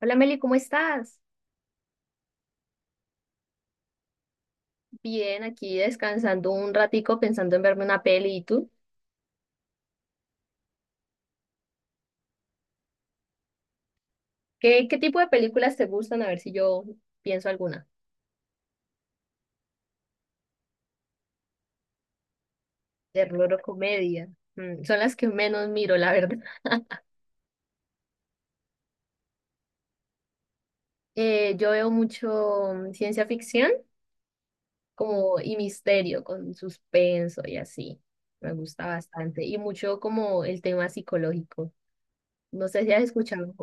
Hola Meli, ¿cómo estás? Bien, aquí descansando un ratico pensando en verme una peli. ¿Y tú? ¿Qué tipo de películas te gustan? A ver si yo pienso alguna. Terror o comedia. Son las que menos miro, la verdad. Yo veo mucho ciencia ficción como y misterio con suspenso y así. Me gusta bastante. Y mucho como el tema psicológico. No sé si has escuchado,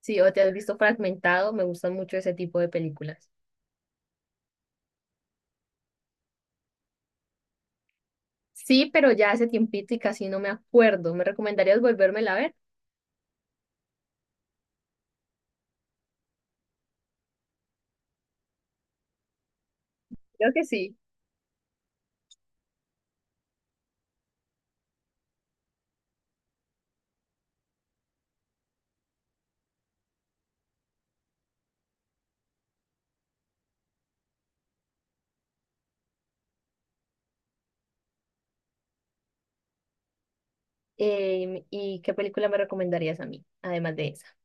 sí, o te has visto Fragmentado. Me gustan mucho ese tipo de películas. Sí, pero ya hace tiempito y casi no me acuerdo. ¿Me recomendarías volvérmela a ver? Creo que sí. ¿Y qué película me recomendarías a mí, además de esa?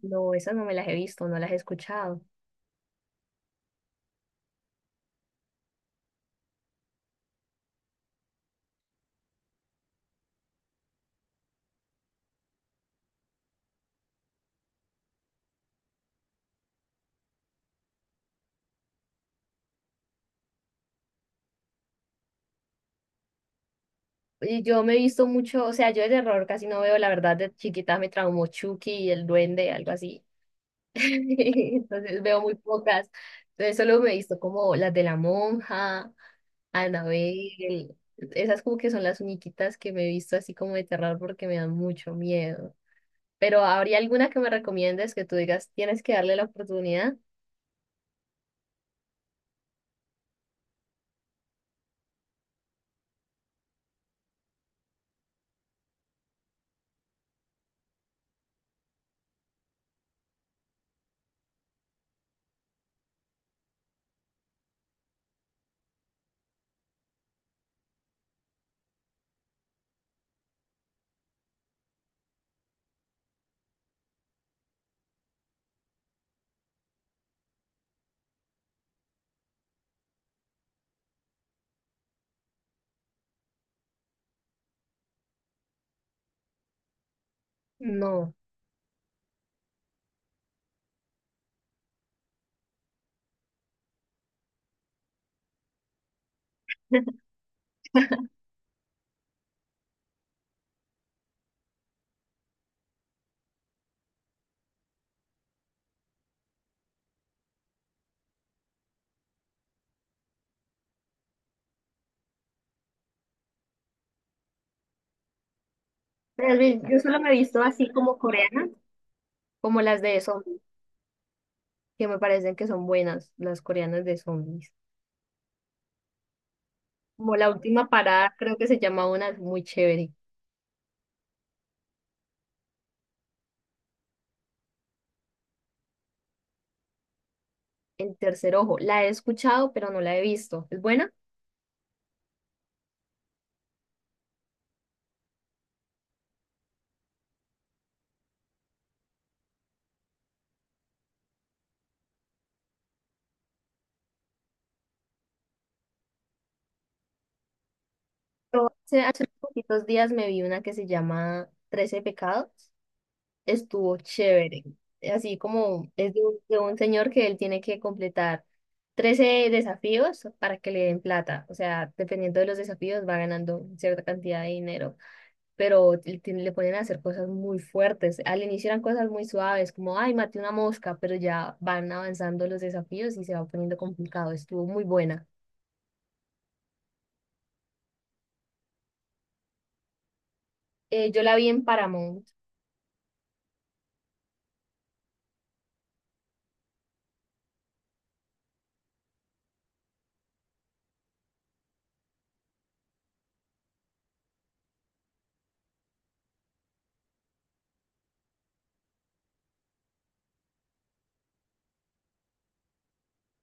No, esas no me las he visto, no las he escuchado. Y yo me he visto mucho, o sea, yo de terror casi no veo, la verdad, de chiquita me traumó Chucky y el duende, algo así. Entonces veo muy pocas. Entonces solo me he visto como las de La Monja, Annabelle, esas como que son las únicas que me he visto así como de terror porque me dan mucho miedo. Pero ¿habría alguna que me recomiendes que tú digas, tienes que darle la oportunidad? No. Tal vez. Yo solo me he visto así como coreanas como las de zombies, que me parecen que son buenas, las coreanas de zombies. Como La última parada, creo que se llama, una es muy chévere. El tercer ojo, la he escuchado, pero no la he visto. ¿Es buena? Yo hace unos poquitos días me vi una que se llama Trece pecados. Estuvo chévere. Así como es de un, señor que él tiene que completar 13 desafíos para que le den plata. O sea, dependiendo de los desafíos va ganando cierta cantidad de dinero. Pero le ponen a hacer cosas muy fuertes. Al inicio eran cosas muy suaves, como, ay, maté una mosca, pero ya van avanzando los desafíos y se va poniendo complicado. Estuvo muy buena. Yo la vi en Paramount.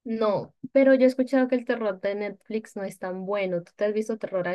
No, pero yo he escuchado que el terror de Netflix no es tan bueno. ¿Tú te has visto terror?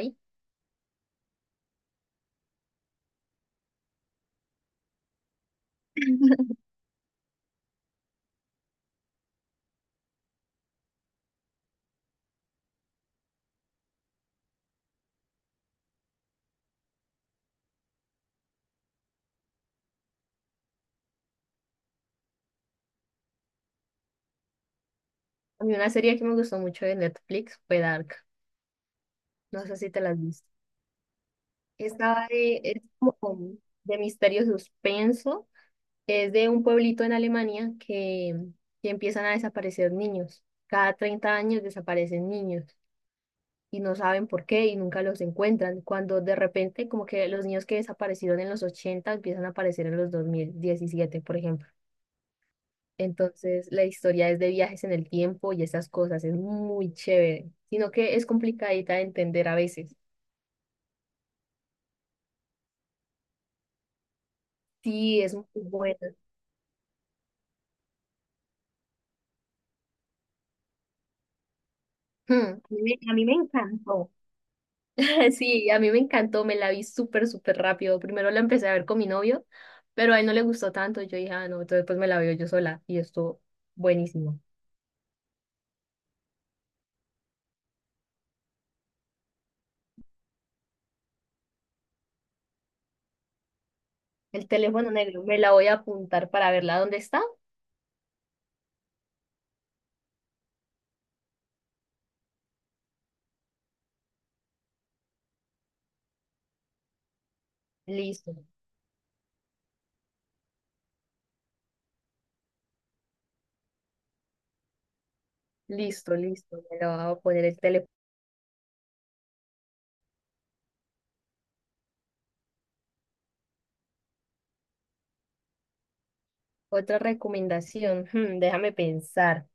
A mí una serie que me gustó mucho de Netflix fue Dark. No sé si te la has visto. Es como de misterio suspenso. Es de un pueblito en Alemania que empiezan a desaparecer niños. Cada 30 años desaparecen niños y no saben por qué y nunca los encuentran. Cuando de repente como que los niños que desaparecieron en los 80 empiezan a aparecer en los 2017, por ejemplo. Entonces, la historia es de viajes en el tiempo y esas cosas, es muy chévere, sino que es complicadita de entender a veces. Sí, es muy buena. A mí me encantó. Sí, a mí me encantó, me la vi súper, súper rápido. Primero la empecé a ver con mi novio, pero a él no le gustó tanto. Yo dije, ah, no, entonces pues me la veo yo sola y estuvo buenísimo. El teléfono negro, me la voy a apuntar para verla. ¿Dónde está? Listo, listo, listo. Me la voy a poner el teléfono. Otra recomendación, déjame pensar.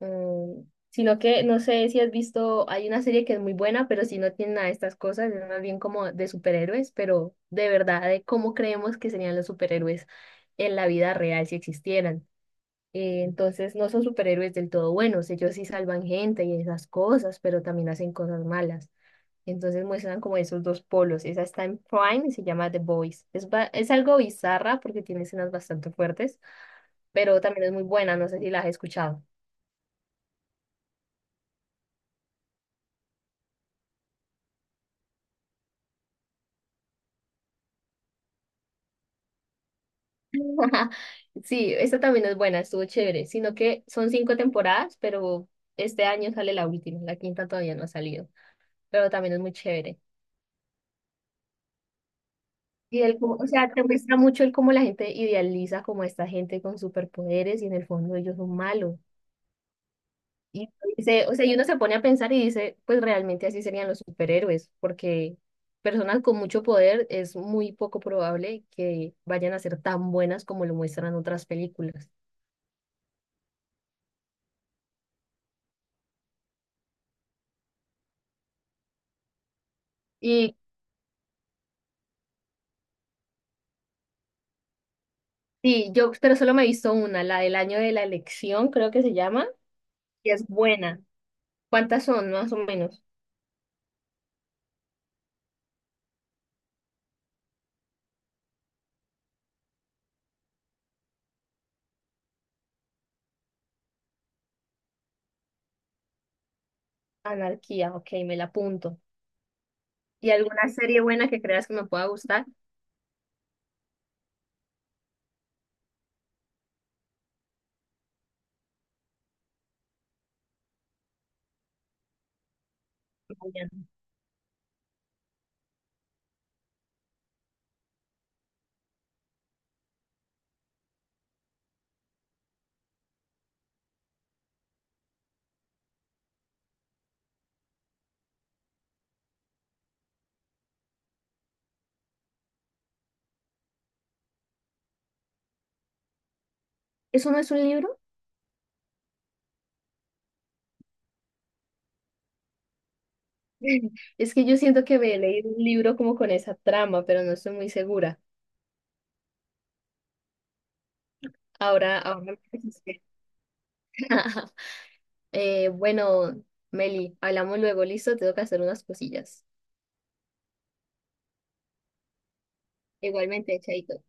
Mm, Sino que no sé si has visto, hay una serie que es muy buena, pero si no tiene nada de estas cosas, es más bien como de superhéroes, pero de verdad, de cómo creemos que serían los superhéroes en la vida real si existieran. Entonces, no son superhéroes del todo buenos, ellos sí salvan gente y esas cosas, pero también hacen cosas malas. Entonces muestran como esos dos polos. Esa está en Prime y se llama The Boys. Es algo bizarra porque tiene escenas bastante fuertes, pero también es muy buena, no sé si la has escuchado. Sí, esta también es buena, estuvo chévere, sino que son cinco temporadas, pero este año sale la última, la quinta todavía no ha salido, pero también es muy chévere. O sea, te muestra mucho el cómo la gente idealiza como a esta gente con superpoderes y en el fondo ellos son malos. Y dice, o sea, y uno se pone a pensar y dice, pues realmente así serían los superhéroes, porque personas con mucho poder es muy poco probable que vayan a ser tan buenas como lo muestran otras películas. Y sí, yo, pero solo me he visto una, la del año de la elección, creo que se llama, y es buena. ¿Cuántas son, más o menos? Anarquía, ok, me la apunto. ¿Y alguna serie buena que creas que me pueda gustar? Vayan. ¿Eso no es un libro? Es que yo siento que me he leído un libro como con esa trama, pero no estoy muy segura. Ahora me pusiste. Bueno, Meli, hablamos luego, listo, tengo que hacer unas cosillas. Igualmente, chaito.